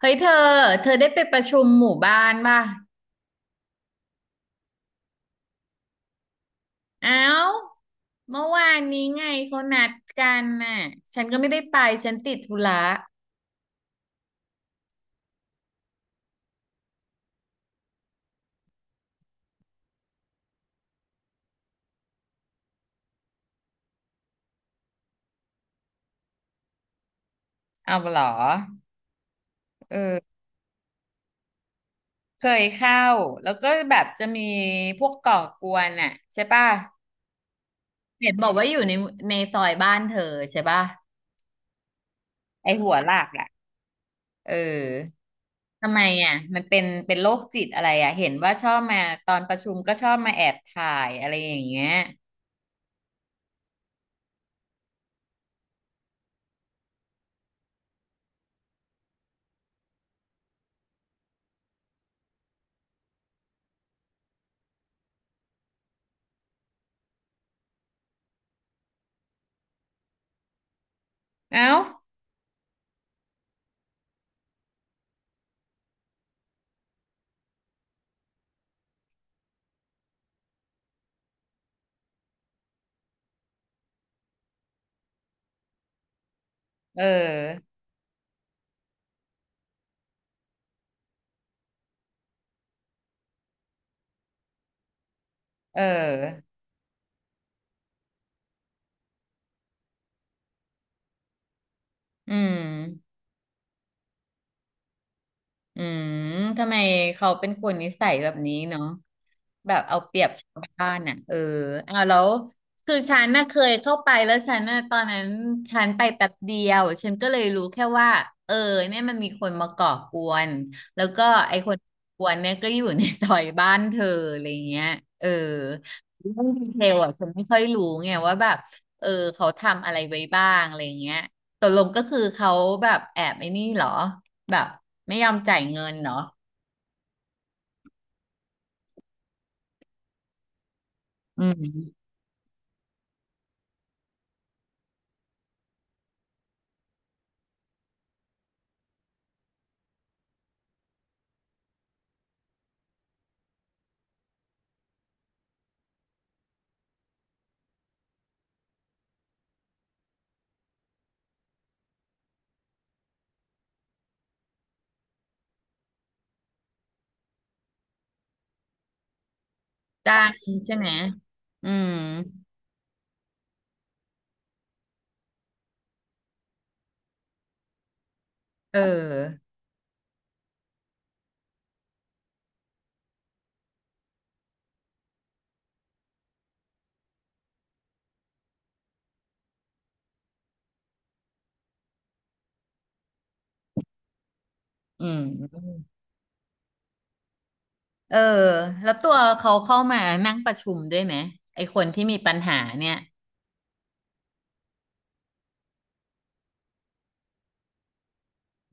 เฮ้ยเธอได้ไปประชุมหมู่บ้านป่ะเอ้าเมื่อวานนี้ไงเขานัดกันน่ะฉันก็ไม่ได้ไปฉันติดธุระเอาเหรอเออเคยเข้าแล้วก็แบบจะมีพวกก่อกวนน่ะใช่ป่ะเห็นบอกว่าอยู่ในซอยบ้านเธอใช่ป่ะไอหัวลากอ่ะเออทำไมอ่ะมันเป็นโรคจิตอะไรอ่ะเห็นว่าชอบมาตอนประชุมก็ชอบมาแอบถ่ายอะไรอย่างเงี้ยเอ้าเออ เอออืม อืมทำไมเขาเป็นคนนิสัยแบบนี้เนาะแบบเอาเปรียบชาวบ้านอ่ะเออเอาแล้วคือฉันน่ะเคยเข้าไปแล้วฉันน่ะตอนนั้นฉันไปแป๊บเดียวฉันก็เลยรู้แค่ว่าเออเนี่ยมันมีคนมาก่อกวนแล้วก็ไอ้คนกวนเนี่ยก็อยู่ในซอยบ้านเธออะไรเงี้ยเออเรื่องดีเทลอ่ะฉันไม่ค่อยรู้ไงว่าแบบเออเขาทำอะไรไว้บ้างอะไรเงี้ยตกลงก็คือเขาแบบแอบไอ้นี่เหรอ แบบไม่ยอมจ่ายเงินเนาะอืมจ้างใช่ไหมอืมเอออืมเออแล้วตัวเขาเข้ามานั่งประชุมด้วยไหมไอคนที่มีปัญหาเนี่ย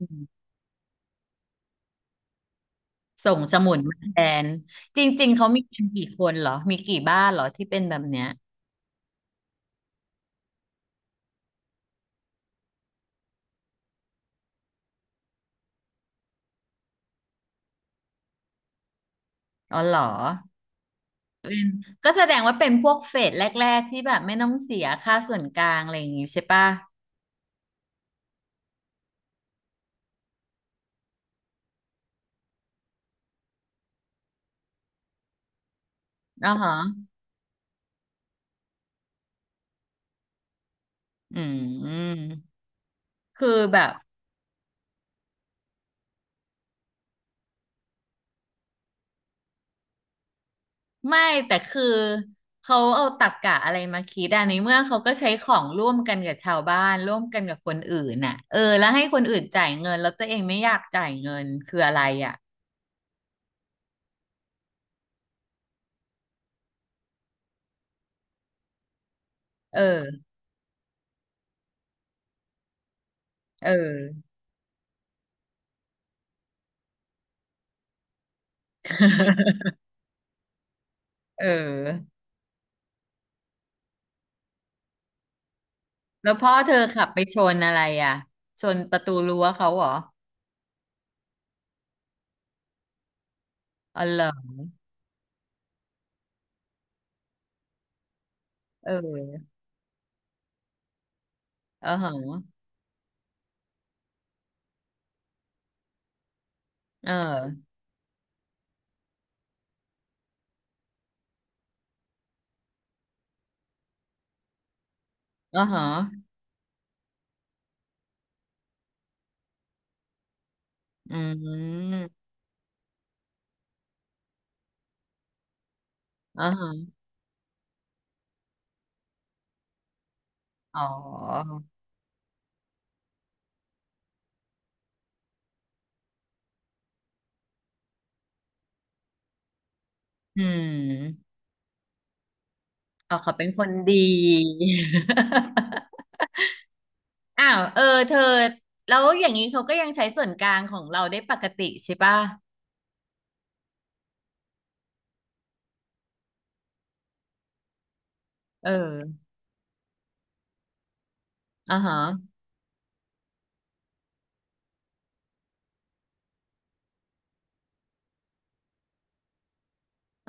อืมส่งสมุนมาแทนจริงๆเขามีกันกี่คนเหรอมีกี่บ้านเหรอที่เป็นแบบเนี้ยอ๋อเหรอก็แสดงว่าเป็นพวกเฟสแรกๆที่แบบไม่ต้องเสียค่าส่วนกลางอะไรอย่างงี้ใช่ปะอ๋อฮะอืมคือแบบ ไม่แต่คือเขาเอาตรรกะอะไรมาคิดอ่ะในเมื่อเขาก็ใช้ของร่วมกันกับชาวบ้านร่วมกันกับคนอื่นน่ะเออแล้วให้คนอื่นจ่ายเงินแล้วตัวเองไม่อยากจ่ายเงินคืออะไรอ่ะเออเออ เออแล้วพ่อเธอขับไปชนอะไรอ่ะชนประตูรั้วเขาเหรออ๋อเหรอเออเออเหรอเออเออเหรออืมเออเหรออ๋ออืมอ๋อเขาเป็นคนดี อ้าวเออเธอแล้วอย่างนี้เขาก็ยังใช้ส่วนกลางของเราได้ปกติใช่ป่ะเอออ่าฮะ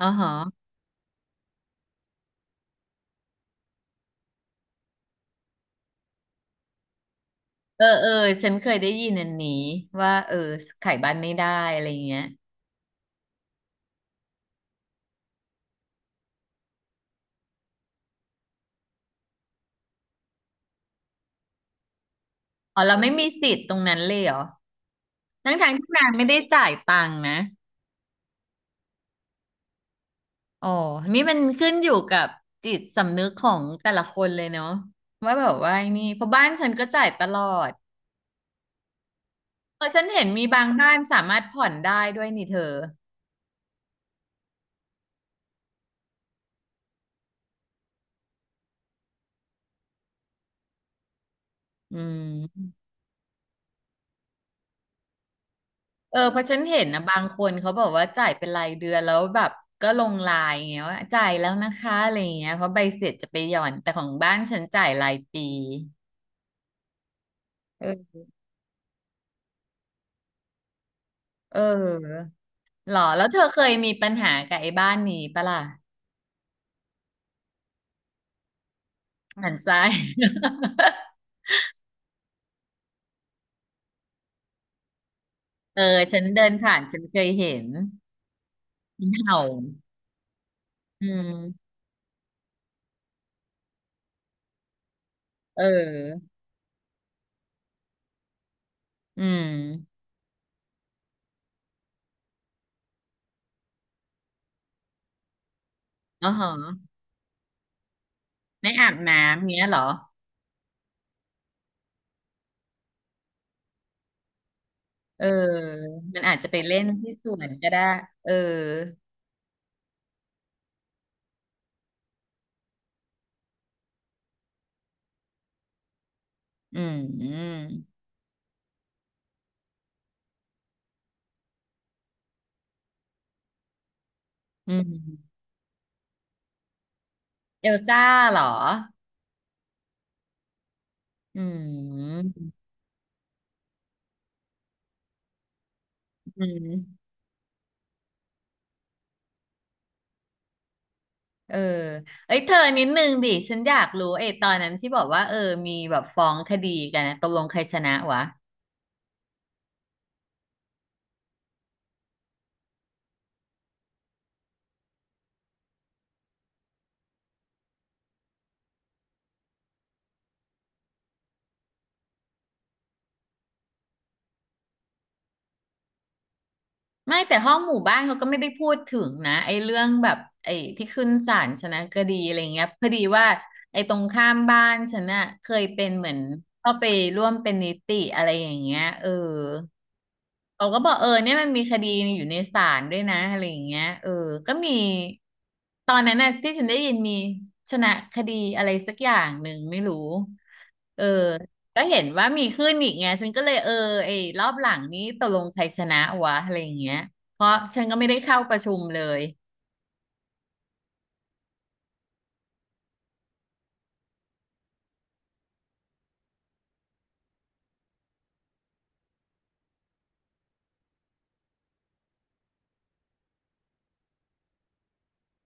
อ่าฮะเออเออฉันเคยได้ยินอันนี้ว่าเออขายบ้านไม่ได้อะไรเงี้ยอ๋อเราไม่มีสิทธิ์ตรงนั้นเลยเหรอทั้งทางที่นางไม่ได้จ่ายตังค์นะอ๋อนี่มันขึ้นอยู่กับจิตสำนึกของแต่ละคนเลยเนาะว่าแบบว่าไอ้นี่เพราะบ้านฉันก็จ่ายตลอดเออฉันเห็นมีบางบ้านสามารถผ่อนได้ด้วยนี่เธออืม เออเพราะฉันเห็นนะบางคนเขาบอกว่าจ่ายเป็นรายเดือนแล้วแบบก็ลงไลน์อย่างเงี้ยว่าจ่ายแล้วนะคะอะไรอย่างเงี้ยเพราะใบเสร็จจะไปหย่อนแต่ของบ้านฉันจ่ายรายปีเออเออหรอแล้วเธอเคยมีปัญหากับไอ้บ้านนี้ปะล่ะหันซ้าย เออฉันเดินผ่านฉันเคยเห็นมันเห่าอืมเอออืมอ๋อเหรอไม่อาบน้ำเงี้ยเหรอเออมันอาจจะไปเล่นที่สวนก็ได้เอออืม อืมเอลซ่าเหรออืมอืมเออเอ้ยเธอนิดนึงดิ ฉันอยากรู้ไอ้ตอนนั้นที่บอกว่าเออ มีแบบฟ้องคดีกันนะตกลงใครชนะวะ ไม่แต่ห้องหมู่บ้านเขาก็ไม่ได้พูดถึงนะไอ้เรื่องแบบไอ้ที่ขึ้นศาลชนะคดีอะไรเงี้ยพอดีว่าไอ้ตรงข้ามบ้านฉันน่ะเคยเป็นเหมือนเข้าไปร่วมเป็นนิติอะไรอย่างเงี้ยเออเขาก็บอกเออเนี่ยมันมีคดีอยู่ในศาลด้วยนะอะไรอย่างเงี้ยเออก็มีตอนนั้นน่ะที่ฉันได้ยินมีชนะคดีอะไรสักอย่างหนึ่งไม่รู้เออ ก็เห็นว่ามีขึ้นอีกไงฉันก็เลยเออไอ้รอบหลังนี้ตกลงใครชนะวะอะไรอย่างเงี้ยเพราะฉันก็ไม่ได้เข้าประชุมเลย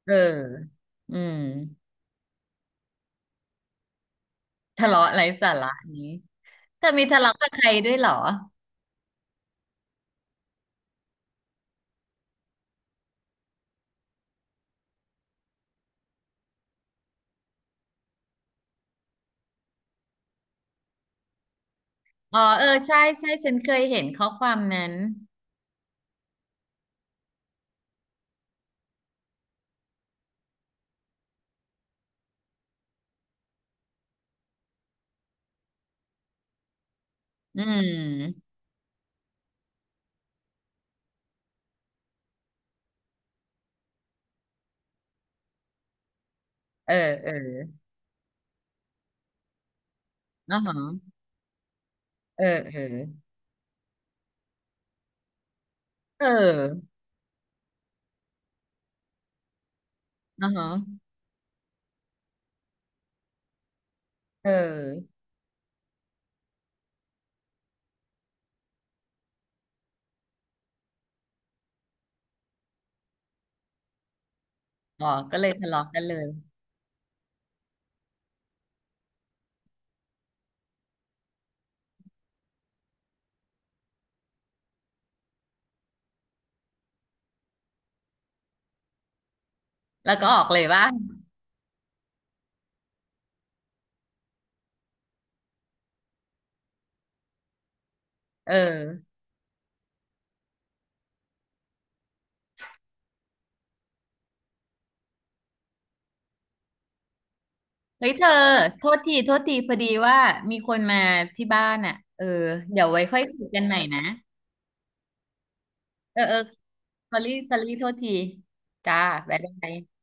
เอออืมทะเลาะไร้สาระนี้เธอมีทะเลาะกับใครด้วยเหรออ๋อเออใช่ใช่ฉันเคยเห็นข้อความนั้นอืมเออเอออ๋อฮะเออเออเอออ๋อฮะเอออ๋อก็เลยทะเลาะกันเลยแล้วก็ออกเลยว่าเออ เฮ้ยเธอโทษทีโทษทีพอดีว่ามีคนมาที่บ้านอ่ะเออเดี๋ยวไว้ค่อยคุยกันใหม่นะเออเออสอรี่สอรี่โทษทีจ้าบ๊ายบาย